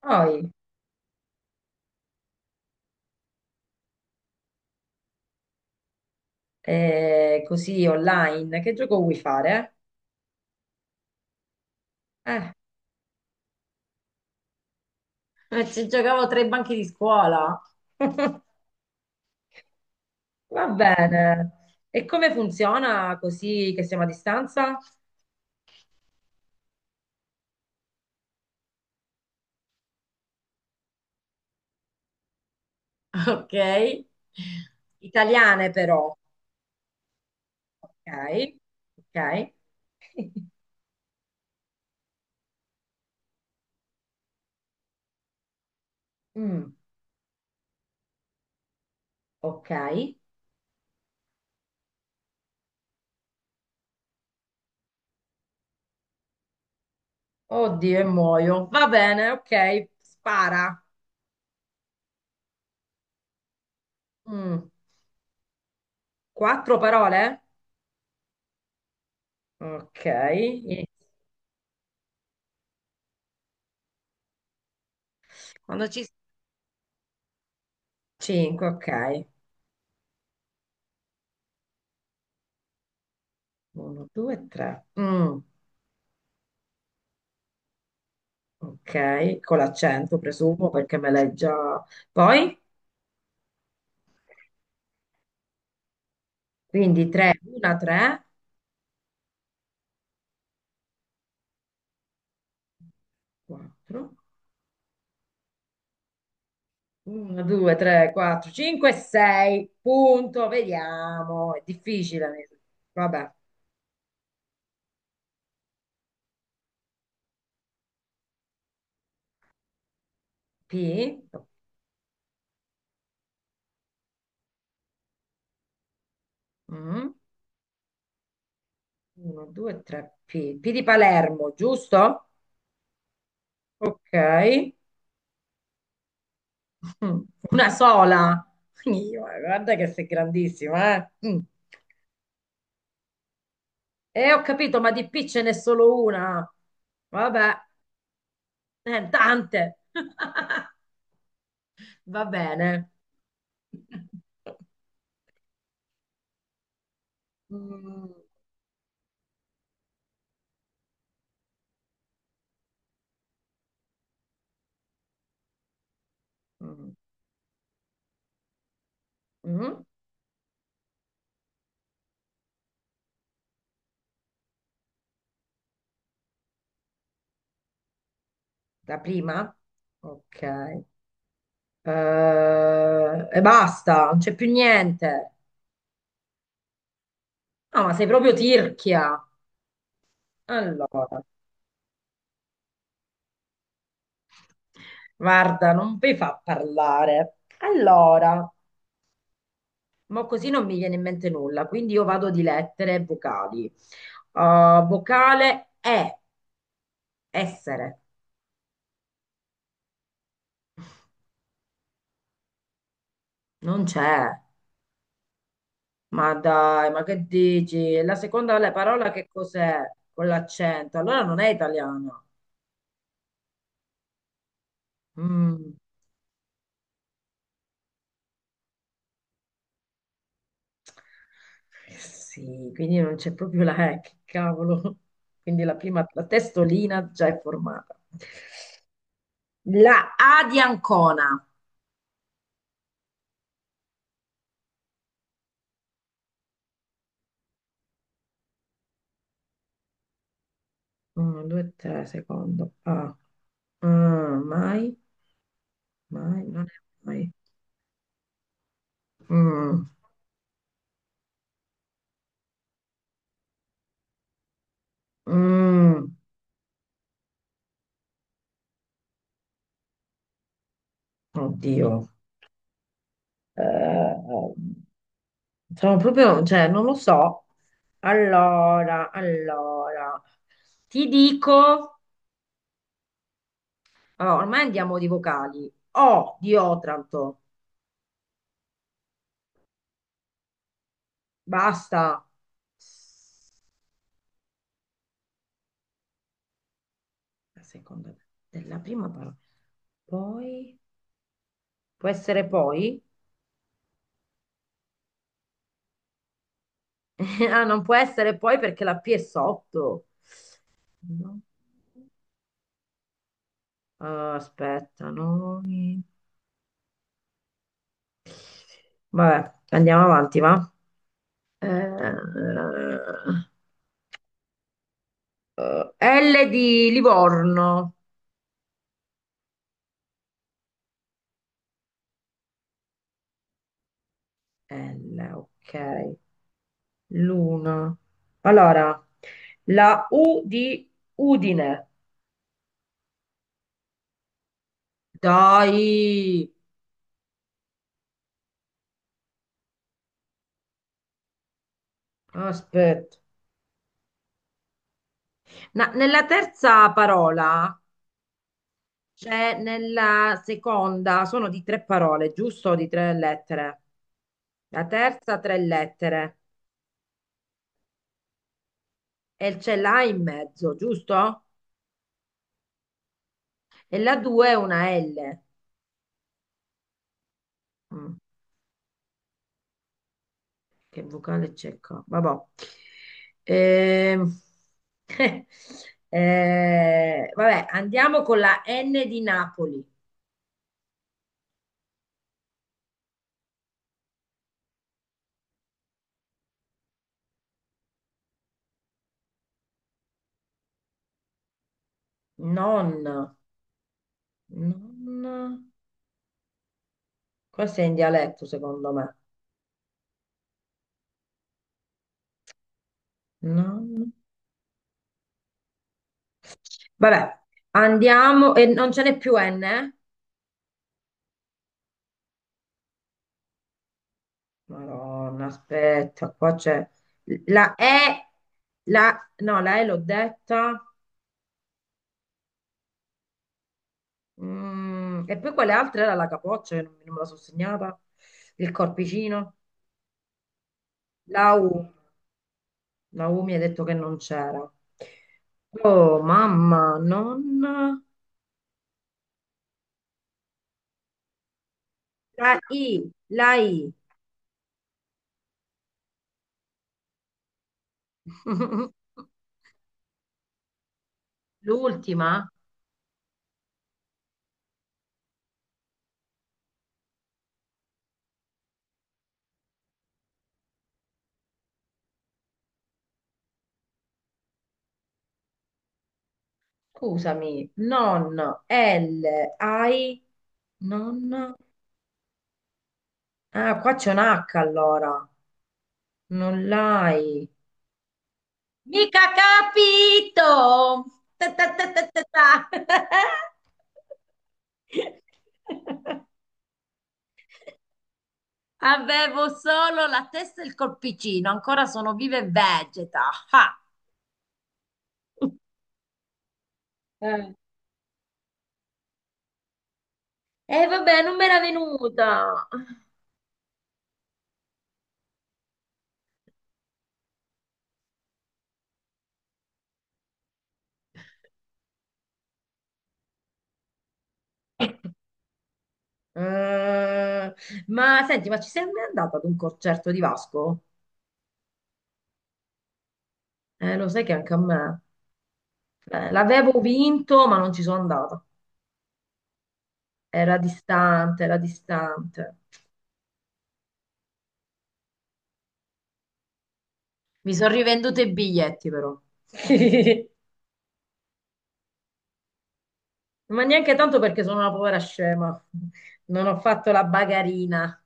Poi, così online, che gioco vuoi fare? Eh, ci giocavo tra i banchi di scuola. Va bene. E come funziona così che siamo a distanza? Ok. Italiane però. Ok, ok. Mm, ok. Oddio, e muoio. Va bene, ok. Spara. Mm, Quattro parole? Ok. Quando ci... Cinque, ok. Uno, due, tre. Mm, ok, con l'accento presumo perché me l'hai già. Poi, quindi 3, 1, 3, 4, 1, 2, 3, 4, 5, 6. Punto, vediamo. È difficile. Vabbè, P. 1, 2, 3, P. P di Palermo, giusto? Ok. Mm, una sola. Io, guarda che sei grandissima, eh? Mm. E ho capito, ma di P ce n'è solo una. Vabbè, tante. Va bene. Mm, mm, mm. La prima? Ok. E basta, non c'è più niente. No, ma sei proprio tirchia. Allora, guarda, non mi fa parlare. Allora. Ma così non mi viene in mente nulla, quindi io vado di lettere e vocali. Vocale è essere, non c'è. Ma dai, ma che dici? La seconda la parola che cos'è? Con l'accento, allora non è italiana. Mm, sì, quindi non c'è proprio la E, che cavolo. Quindi la prima, la testolina già è formata. La A di Ancona. 1, 2, 3, secondo. A. Mm, mai. Mai, non è mai. Mm, mm, oddio. Eh, sono proprio, cioè, non lo so. Allora, allora, ti dico, allora, ormai andiamo di vocali. O di Otranto, basta. La seconda della prima parola. Poi, può essere poi? Ah, non può essere poi perché la P è sotto. No. Ah, aspetta, no. Vabbè, andiamo avanti, va? Eh, L di Livorno. L, ok. Luna. Allora, la U di Udine. Dai, aspetta. Nella terza parola, cioè nella seconda, sono di tre parole, giusto? Di tre lettere. La terza tre lettere e c'è l'A in mezzo, giusto? E la due è una L. Mm, che vocale c'è qua? Vabbè. Ehm, vabbè, andiamo con la N di Napoli. Non, non, questo è in dialetto secondo me. Non. Vabbè, andiamo e non ce n'è più N, eh? Madonna, aspetta, qua c'è la E, la, no, la E l'ho detta. Mm, e poi quale altra era la capoccia che non, non me la sono segnata? Il corpicino? La U. La U mi ha detto che non c'era. Oh, mamma, non... La I. L'ultima? Scusami. Non, L, I, non... Ah, qua c'è un H allora. Non l'hai. Mica capito! Ta, ta, ta, ta, ta, ta. Avevo solo la testa e il corpicino, ancora sono viva e vegeta. Ah. Eh. Vabbè, non me era venuta. Eh, ma senti, ma ci sei mai andata ad un concerto di Vasco? Lo sai che anche a me. L'avevo vinto, ma non ci sono andata. Era distante, era distante. Mi sono rivenduto i biglietti però. Sì. Ma neanche tanto perché sono una povera scema. Non ho fatto la bagarina.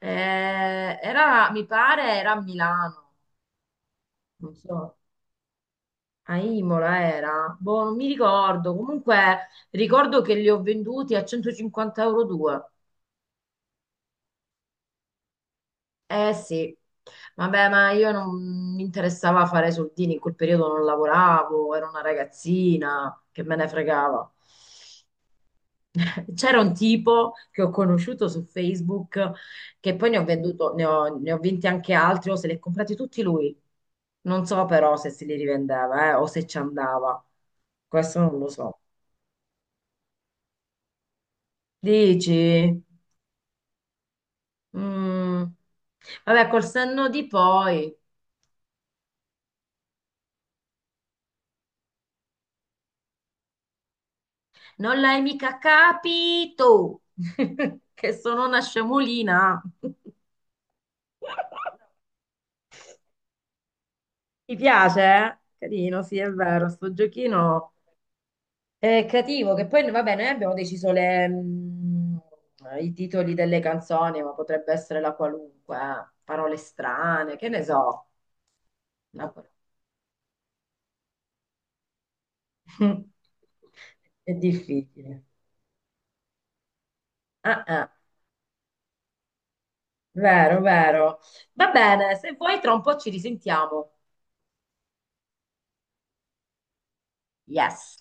Era, mi pare, era a Milano. Non so, a Imola era. Boh, non mi ricordo. Comunque ricordo che li ho venduti a 150 euro due. Eh sì. Vabbè, ma io non mi interessava fare soldini, in quel periodo non lavoravo, ero una ragazzina, che me ne fregava. C'era un tipo che ho conosciuto su Facebook che poi ne ho venduto, ne ho vinti anche altri, o se li ha comprati tutti lui. Non so però se se li rivendeva, o se ci andava. Questo non lo so. Dici? Mm. Vabbè, col senno di poi. Non l'hai mica capito, che sono una scemolina. Mi piace, eh? Carino, sì, è vero, sto giochino. Creativo, che poi vabbè, noi abbiamo deciso le, i titoli delle canzoni, ma potrebbe essere la qualunque, eh. Parole strane, che ne so. La- È difficile. Ah, ah, vero, vero. Va bene, se vuoi tra un po' ci risentiamo. Yes.